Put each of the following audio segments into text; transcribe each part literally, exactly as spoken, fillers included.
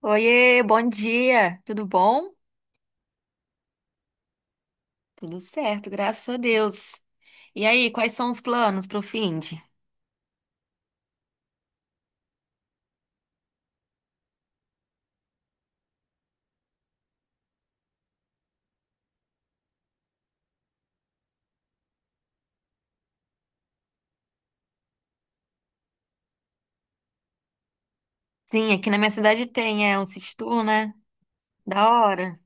Oiê, bom dia. Tudo bom? Tudo certo, graças a Deus. E aí, quais são os planos pro fim de? Sim, aqui na minha cidade tem, é um sítio tour, né? Da hora.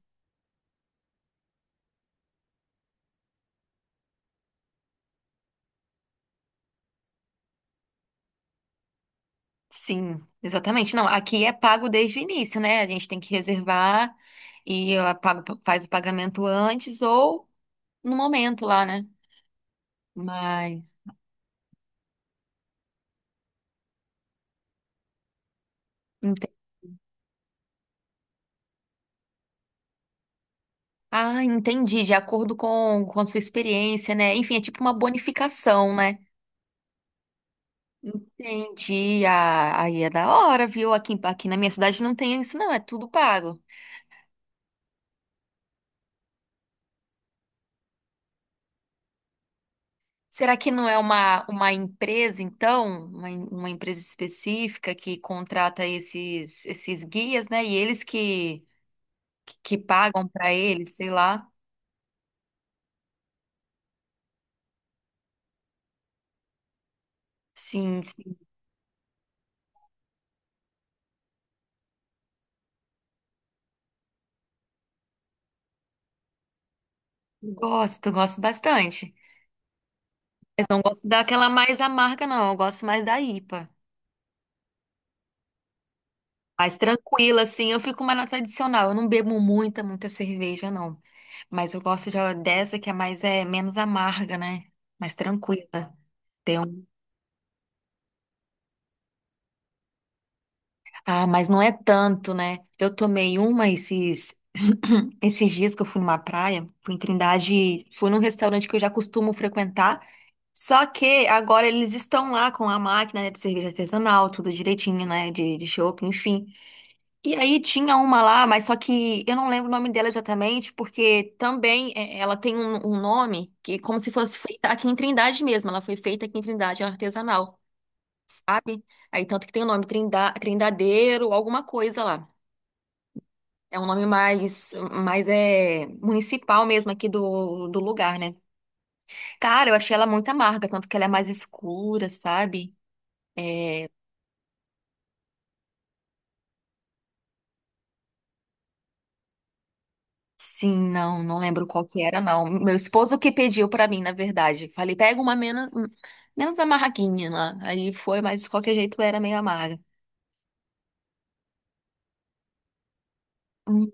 Sim, exatamente. Não, aqui é pago desde o início, né? A gente tem que reservar e eu pago, faz o pagamento antes ou no momento lá, né? Mas. ente- Ah, entendi. De acordo com, com a sua experiência, né? Enfim, é tipo uma bonificação, né? Entendi. Ah, aí é da hora, viu? Aqui, aqui na minha cidade não tem isso, não. É tudo pago. Será que não é uma, uma empresa, então? Uma, em- uma empresa específica que contrata esses, esses guias, né? E eles que, que, que pagam para eles, sei lá. Sim, sim. Gosto, gosto bastante. Gosto daquela mais amarga, não. Eu gosto mais da IPA. Mais tranquila, assim. Eu fico mais na tradicional. Eu não bebo muita, muita cerveja, não. Mas eu gosto de dessa que é mais é menos amarga, né? Mais tranquila. Tem um... Ah, mas não é tanto, né? Eu tomei uma esses esses dias que eu fui numa praia, fui em Trindade, fui num restaurante que eu já costumo frequentar. Só que agora eles estão lá com a máquina, né, de cerveja artesanal, tudo direitinho, né? De, de chopp, enfim. E aí tinha uma lá, mas só que eu não lembro o nome dela exatamente, porque também é, ela tem um, um nome que é como se fosse feita aqui em Trindade mesmo. Ela foi feita aqui em Trindade, ela é artesanal. Aí tanto que tem o nome Trinda, Trindadeiro, alguma coisa lá. É um nome mais, mais é municipal mesmo aqui do, do lugar, né? Cara, eu achei ela muito amarga, tanto que ela é mais escura, sabe? É, sim, não, não lembro qual que era, não. Meu esposo que pediu pra mim, na verdade. Falei, pega uma menos, menos amarguinha lá. Aí foi, mas de qualquer jeito era meio amarga. Hum.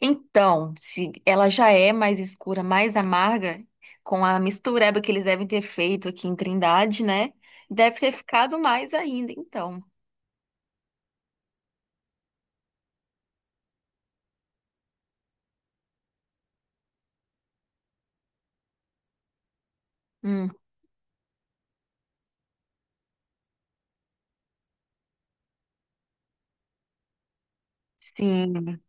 Então, se ela já é mais escura, mais amarga, com a mistureba que eles devem ter feito aqui em Trindade, né? Deve ter ficado mais ainda, então. Hum, sim.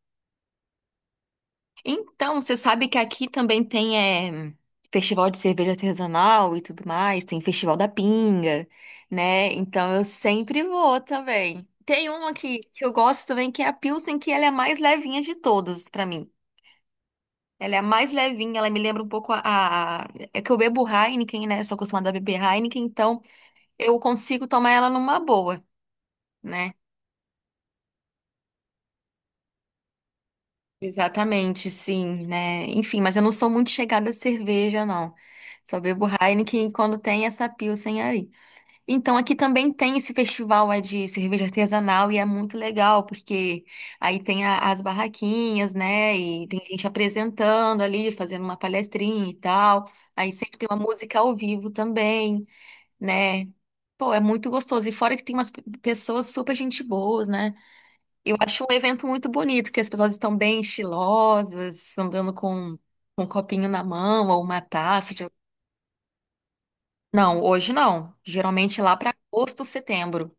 Então, você sabe que aqui também tem eh, festival de cerveja artesanal e tudo mais, tem festival da pinga, né? Então eu sempre vou também. Tem uma que, que eu gosto também, que é a Pilsen, que ela é a mais levinha de todas pra mim. Ela é a mais levinha, ela me lembra um pouco a, a- É que eu bebo Heineken, né? Sou acostumada a beber Heineken, então eu consigo tomar ela numa boa, né? Exatamente, sim, né? Enfim, mas eu não sou muito chegada a cerveja, não. Só bebo Heineken quando tem essa Pilsen aí. Então, aqui também tem esse festival é, de cerveja artesanal e é muito legal, porque aí tem a- as barraquinhas, né? E tem gente apresentando ali, fazendo uma palestrinha e tal. Aí sempre tem uma música ao vivo também, né? Pô, é muito gostoso. E fora que tem umas pe- pessoas super gente boas, né? Eu acho um evento muito bonito, que as pessoas estão bem estilosas, andando com com um copinho na mão ou uma taça. De- Não, hoje não. Geralmente lá para agosto, setembro.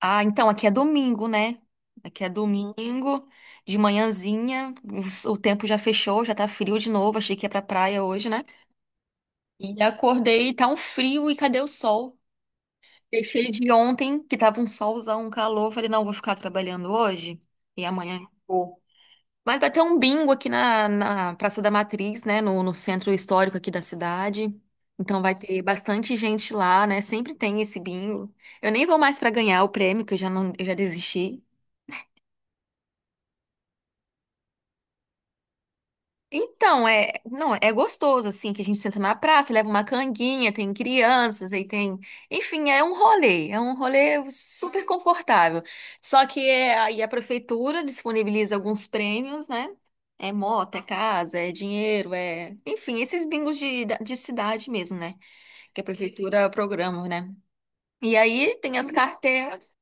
Ah, então aqui é domingo, né? Aqui é domingo, de manhãzinha, os- o tempo já fechou, já tá frio de novo. Achei que ia pra praia hoje, né? E acordei, e tá um frio e cadê o sol? Deixei de ontem, que tava um solzão, um calor. Falei, não, vou ficar trabalhando hoje e amanhã. Mas vai ter um bingo aqui na, na Praça da Matriz, né? No, no centro histórico aqui da cidade. Então vai ter bastante gente lá, né? Sempre tem esse bingo. Eu nem vou mais para ganhar o prêmio, que eu já não, eu já desisti. Então, é, não, é gostoso, assim, que a gente senta na praça, leva uma canguinha, tem crianças, aí tem, enfim, é um rolê, é um rolê super confortável. Só que é, aí a prefeitura disponibiliza alguns prêmios, né? É moto, é casa, é dinheiro, é, enfim, esses bingos de, de cidade mesmo, né? Que a prefeitura programa, né? E aí tem as carteiras.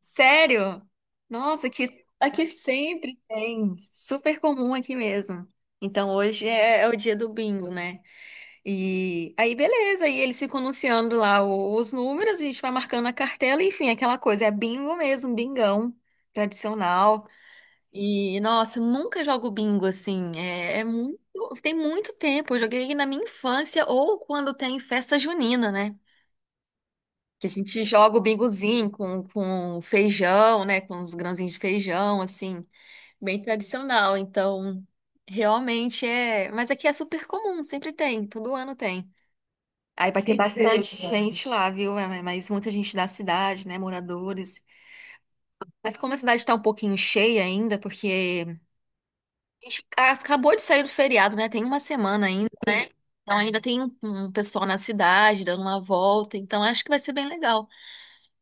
Sério? Nossa, aqui, aqui sempre tem. Super comum aqui mesmo. Então hoje é, é o dia do bingo, né? E aí, beleza, aí eles ficam anunciando lá o- os números, a gente vai marcando a cartela, enfim, aquela coisa. É bingo mesmo, bingão tradicional. E, nossa, eu nunca jogo bingo assim. É, é muito, tem muito tempo. Eu joguei na minha infância ou quando tem festa junina, né? Que a gente joga o bingozinho com, com feijão, né? Com os grãozinhos de feijão, assim, bem tradicional. Então, realmente é. Mas aqui é super comum, sempre tem, todo ano tem. Aí vai ter bastante gente lá, viu? É, mas muita gente da cidade, né? Moradores. Mas como a cidade está um pouquinho cheia ainda, porque a gente acabou de sair do feriado, né? Tem uma semana ainda. Então ainda tem um um pessoal na cidade dando uma volta. Então acho que vai ser bem legal.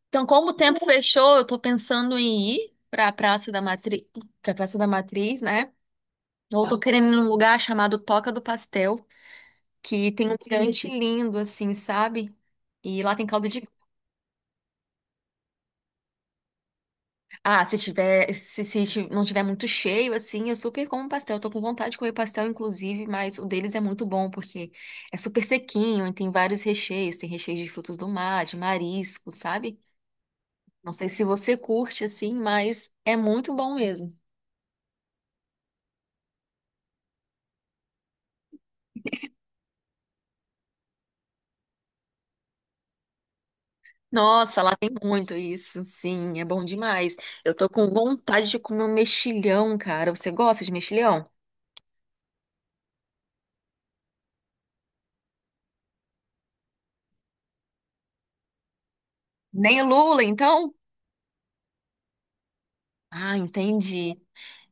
Então, como o tempo fechou, eu tô pensando em ir pra Praça da Matriz, pra Praça da Matriz, né? Ou tô querendo ir num lugar chamado Toca do Pastel, que tem um mirante lindo, assim, sabe? E lá tem caldo de. Ah, se tiver, se, se ti- não tiver muito cheio, assim, eu super como pastel. Eu tô com vontade de comer pastel, inclusive, mas o deles é muito bom, porque é super sequinho e tem vários recheios. Tem recheios de frutos do mar, de marisco, sabe? Não sei se você curte, assim, mas é muito bom mesmo. Nossa, lá tem muito isso, sim, é bom demais. Eu tô com vontade de comer um mexilhão, cara. Você gosta de mexilhão? Nem lula, então? Ah, entendi.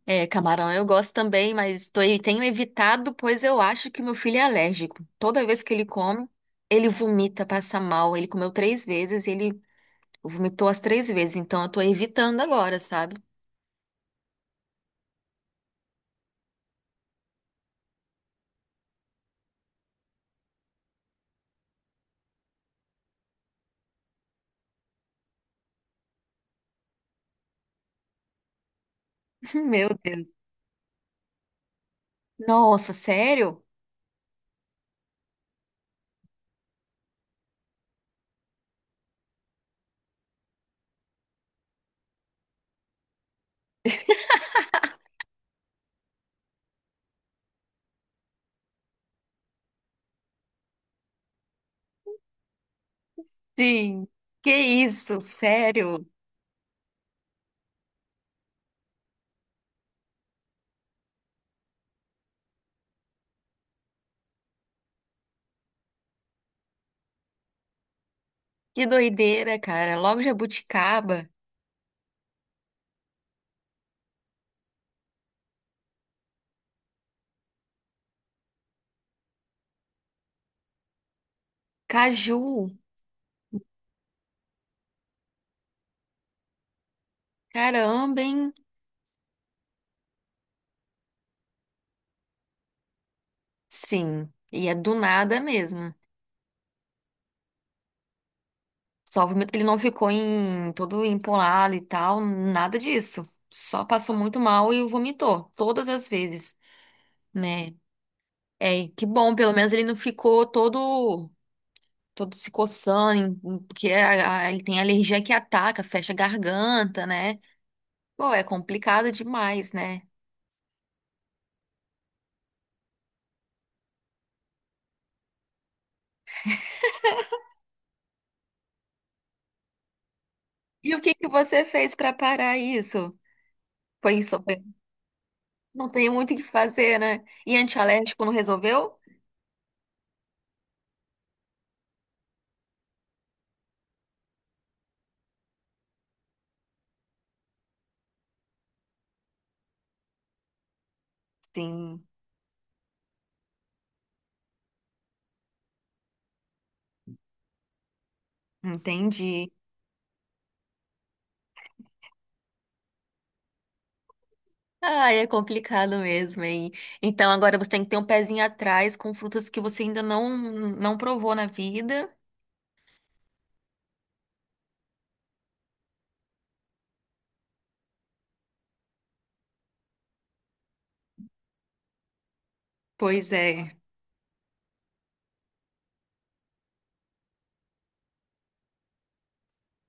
É, camarão eu gosto também, mas tô, eu tenho evitado, pois eu acho que meu filho é alérgico. Toda vez que ele come, ele vomita, passa mal. Ele comeu três vezes e ele vomitou as três vezes, então eu tô evitando agora, sabe? Meu Deus. Nossa, sério? Sim. Que isso, sério? Que doideira, cara. Logo jabuticaba, caju. Caramba, hein? Sim. E é do nada mesmo. Só o ele não ficou em todo empolado e tal, nada disso. Só passou muito mal e vomitou todas as vezes, né? É, e que bom, pelo menos ele não ficou todo todo se coçando, em- em- porque a- a- ele tem alergia que ataca, fecha a garganta, né? Pô, é complicado demais, né? E o que que você fez pra parar isso? Foi isso, não tem muito o que fazer, né? E antialérgico não resolveu? Sim, entendi. Ah, é complicado mesmo, hein? Então agora você tem que ter um pezinho atrás com frutas que você ainda não não provou na vida. Pois é,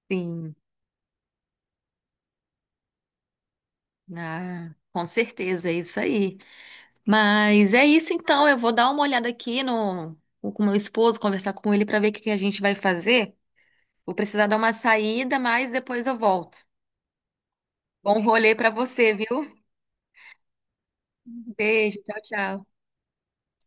sim. Ah, com certeza, é isso aí. Mas é isso então, eu vou dar uma olhada aqui no com o meu esposo, conversar com ele para ver o que que a gente vai fazer. Vou precisar dar uma saída, mas depois eu volto. Bom rolê para você, viu? Beijo, tchau, tchau.